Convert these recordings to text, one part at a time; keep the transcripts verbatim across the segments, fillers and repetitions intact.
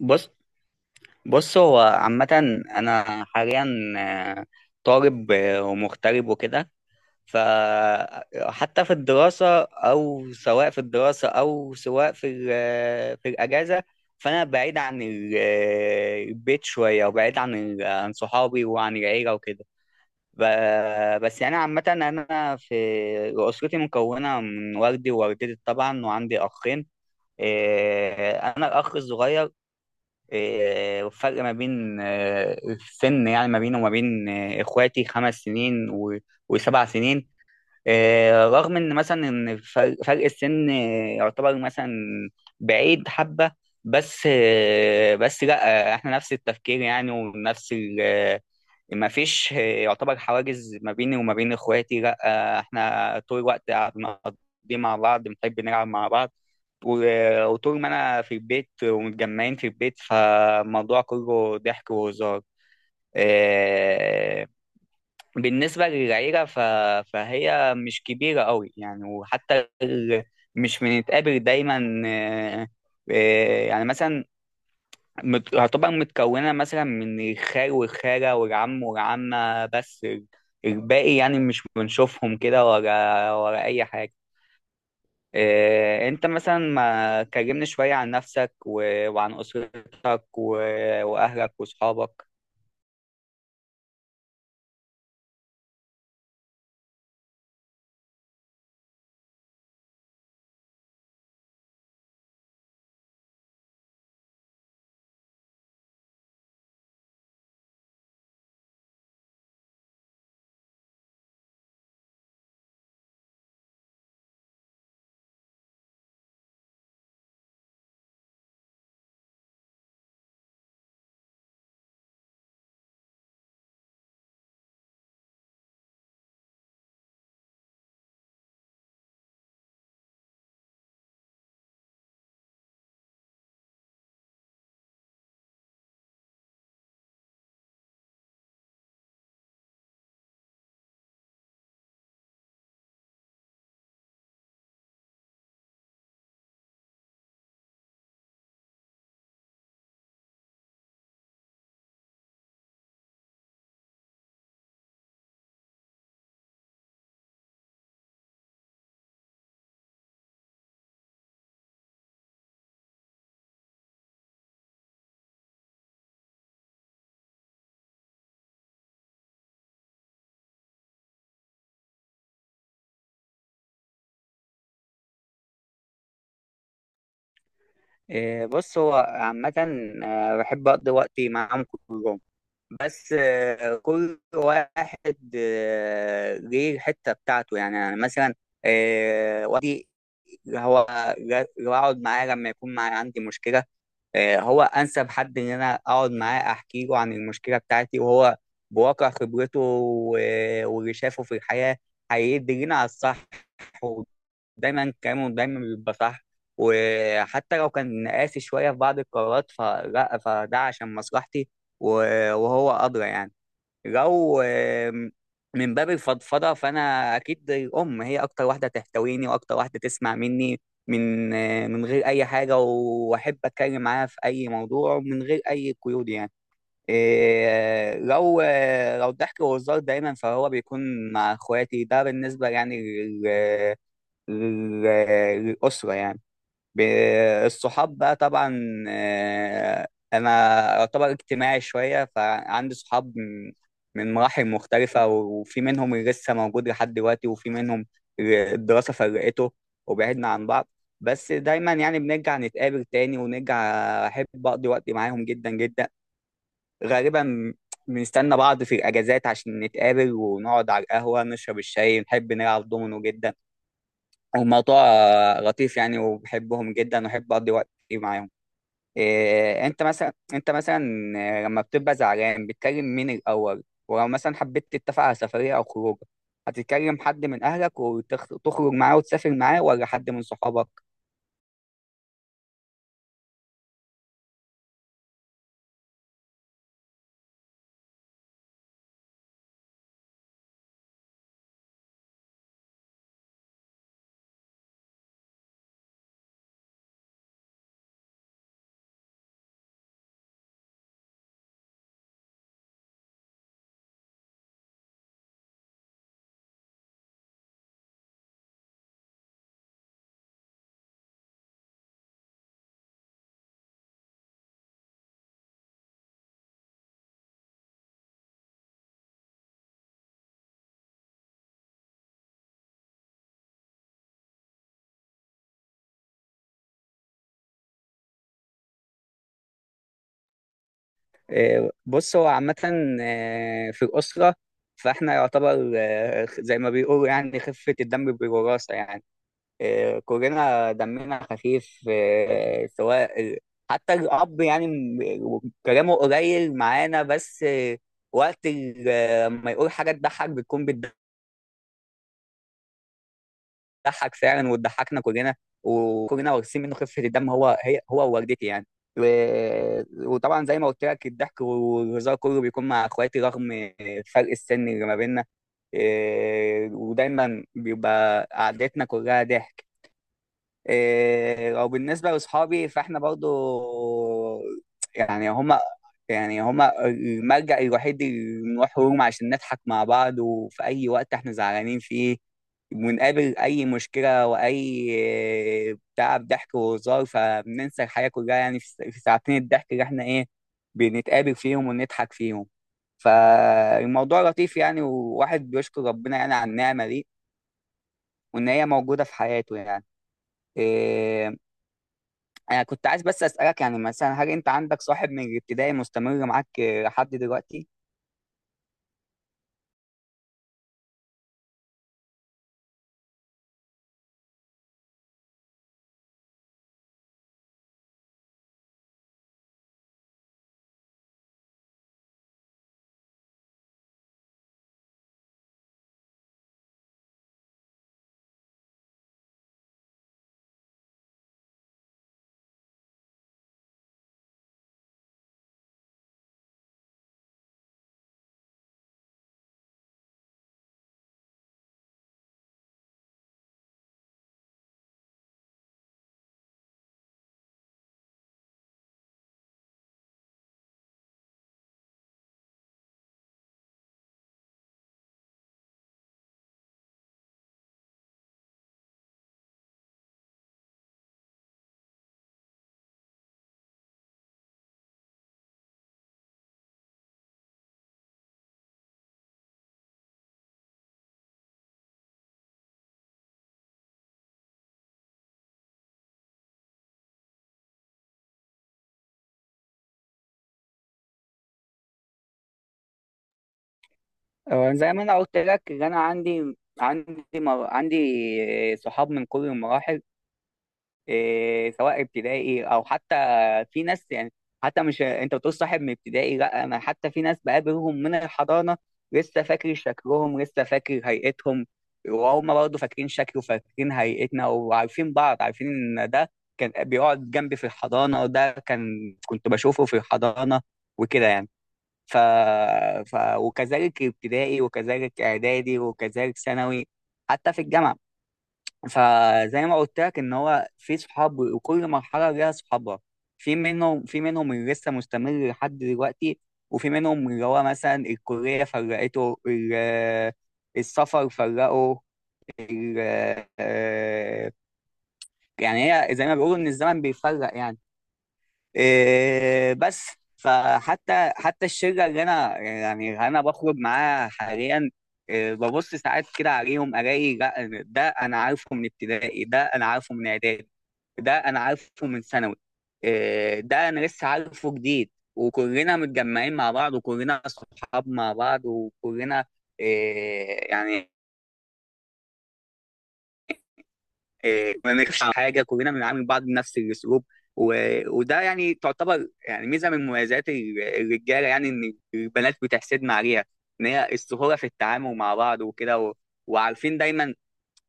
بص بص هو عامة أنا حاليا، آه، طالب، آه، ومغترب وكده. فحتى في الدراسة، أو سواء في الدراسة أو سواء في ال- آه، في الأجازة، فأنا بعيد عن ال- آه، البيت شوية، وبعيد عن ال- عن صحابي وعن العيلة وكده. ب- بس يعني عامة، أنا في أسرتي مكونة من والدي ووالدتي طبعا، وعندي أخين. آه، أنا الأخ الصغير. إيه، والفرق ما بين آه، السن، يعني ما بينه وما بين آه، اخواتي خمس سنين و- وسبع سنين. آه، رغم ان مثلا ان فرق فرق السن آه، يعتبر مثلا بعيد حبة، بس آه، بس لا آه، احنا نفس التفكير، يعني ونفس ال- ما فيش يعتبر حواجز ما بيني وما بين اخواتي، لا. آه، احنا طول الوقت بنقضي مع بعض، بنحب نلعب مع بعض. و- وطول ما انا في البيت ومتجمعين في البيت، فالموضوع كله ضحك وهزار. آه، بالنسبة للعيلة، ف- فهي مش كبيرة قوي يعني، وحتى ال- مش بنتقابل دايما. آه، آه، يعني مثلا مت... هتبقى متكونة مثلا من الخال والخالة والعم والعمة، بس ال- الباقي يعني مش بنشوفهم كده، ولا ولا أي حاجة. إيه... أنت مثلا ما كلمني شوية عن نفسك و... وعن أسرتك و... وأهلك وأصحابك. إيه... بص، هو عامة آه، بحب أقضي وقتي معاهم كلهم، بس آه، كل واحد آه، ليه الحتة بتاعته. يعني أنا مثلا آه، هو جا- بقعد معاه لما يكون معايا، عندي مشكلة. آه، هو أنسب حد إن أنا أقعد معاه أحكي له عن المشكلة بتاعتي، وهو بواقع خبرته و- واللي شافه في الحياة، هيدلنا على الصح. ودايما كلامه دايما بيبقى صح، وحتى لو كان قاسي شوية في بعض القرارات، فلا فده عشان مصلحتي. و- وهو أدرى يعني. لو آم، من باب الفضفضه، فانا اكيد الام هي اكتر واحده تحتويني واكتر واحده تسمع مني من آه، من غير اي حاجه، واحب اتكلم معاها في اي موضوع ومن غير اي قيود يعني. إيه، لو آه، لو الضحك والهزار دايما، فهو بيكون مع اخواتي. ده بالنسبه يعني لل- لل- للاسره يعني. ب- الصحاب بقى طبعا، آه، انا اعتبر اجتماعي شويه، فعندي صحاب من من مراحل مختلفه، وفي منهم اللي لسه موجود لحد دلوقتي، وفي منهم اللي الدراسه فرقته وبعدنا عن بعض. بس دايما يعني بنرجع نتقابل تاني، ونرجع احب اقضي وقت معاهم جدا جدا. غالبا بنستنى بعض في الاجازات عشان نتقابل ونقعد على القهوه، نشرب الشاي، نحب نلعب دومينو جدا. هو موضوع آه، لطيف يعني، وبحبهم جدا وأحب أقضي وقت كتير معاهم. إيه، أنت مثلا أنت مثلا، آه، لما بتبقى زعلان، بتكلم مين الأول؟ ولو مثلا حبيت تتفق على سفرية أو خروج، هتتكلم حد من أهلك وتخرج معاه وتسافر معاه، ولا حد من صحابك؟ إيه، بص، هو عامة آه، في الأسرة، فإحنا يعتبر آه، زي ما بيقولوا يعني خفة الدم بالوراثة يعني. آه، كلنا دمنا خفيف، آه، سواء ال- حتى الأب، يعني م- كلامه قليل معانا، بس آه، وقت ال- آه، لما يقول حاجة تضحك، بتكون بتضحك فعلا وتضحكنا كلنا. وكلنا واخدين منه خفة الدم، هو هي هو ووالدتي يعني. و- وطبعا زي ما قلت لك، الضحك والهزار كله بيكون مع اخواتي، رغم فرق السن اللي ما بيننا. آه، ودايما بيبقى قعدتنا كلها ضحك. إيه، او بالنسبه لاصحابي، فاحنا برضو يعني هما يعني هما الملجأ الوحيد اللي بنروح لهم عشان نضحك مع بعض. وفي اي وقت احنا زعلانين فيه، بنقابل اي مشكله واي بتاع، ضحك وهزار فبننسى الحياه كلها يعني، في في ساعتين الضحك اللي احنا ايه، بنتقابل فيهم ونضحك فيهم. فالموضوع لطيف يعني، وواحد بيشكر ربنا يعني على النعمه دي وان هي موجوده في حياته يعني. إيه، انا كنت عايز بس اسالك، يعني مثلا هل انت عندك صاحب من الابتدائي مستمر معاك آه، لحد دلوقتي؟ آه، زي ما انا قلت لك إن انا عندي عندي مر... عندي آه، صحاب من كل المراحل، إيه، سواء ابتدائي او حتى. في ناس يعني حتى، مش انت بتقول صاحب من ابتدائي؟ لا، انا حتى في ناس بقابلهم من الحضانه، لسه فاكر شكلهم، لسه فاكر هيئتهم، وهم برضه فاكرين شكله، فاكرين هيئتنا، وعارفين بعض. عارفين ان ده كان بيقعد جنبي في الحضانه، وده كان كنت بشوفه في الحضانه وكده يعني. ف... ف... وكذلك ابتدائي، وكذلك اعدادي، وكذلك ثانوي، حتى في الجامعه. فزي ما قلت لك ان هو في صحاب، وكل مرحله ليها صحابها. في منهم في منهم اللي لسه مستمر لحد دلوقتي، وفي منهم اللي هو مثلا الكليه فرقته، ال- السفر فرقه. ال- آه، يعني هي زي ما بيقولوا ان الزمن بيفرق يعني، إيه، بس. فحتى حتى الشله اللي انا يعني انا بخرج معاها حاليا، إيه، ببص ساعات كده عليهم، الاقي لا، ده انا عارفه من ابتدائي، ده انا عارفه من اعدادي، ده انا عارفه من ثانوي، إيه، ده انا لسه عارفه جديد. وكلنا متجمعين مع بعض، وكلنا صحاب مع بعض، وكلنا إيه يعني، إيه، ما نخافش على حاجه، كلنا بنعامل بعض بنفس الاسلوب. و... وده يعني تعتبر يعني ميزه من مميزات ال- الرجاله يعني، ان البنات بتحسدنا عليها، ان هي السهوله في التعامل مع بعض وكده. و... وعارفين دايما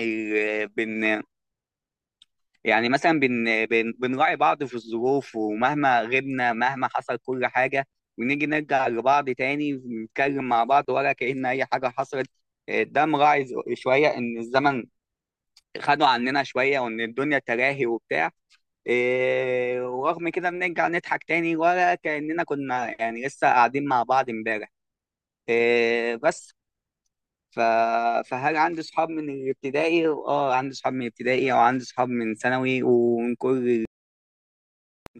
ال... بن يعني مثلا بن... بن... بنراعي بعض في الظروف، ومهما غبنا مهما حصل كل حاجه، ونيجي نرجع لبعض تاني ونتكلم مع بعض، ولا كأن اي حاجه حصلت. إيه، ده مراعي شويه ان الزمن خدوا عننا شويه، وان الدنيا تراهي وبتاع. إيه، ورغم كده بنرجع نضحك تاني، ولا كأننا كنا يعني لسه قاعدين مع بعض امبارح، إيه، بس. ف... فهل عندي صحاب من الابتدائي؟ اه، عندي صحاب من الابتدائي، او عندي صحاب من ثانوي ومن كل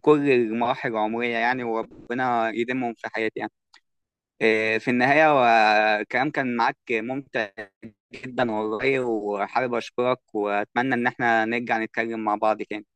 كل المراحل العمرية يعني، وربنا يديمهم في حياتي يعني. إيه، في النهاية، والكلام كان معاك ممتع جدا والله، وحابب أشكرك، وأتمنى إن احنا نرجع نتكلم مع بعض تاني.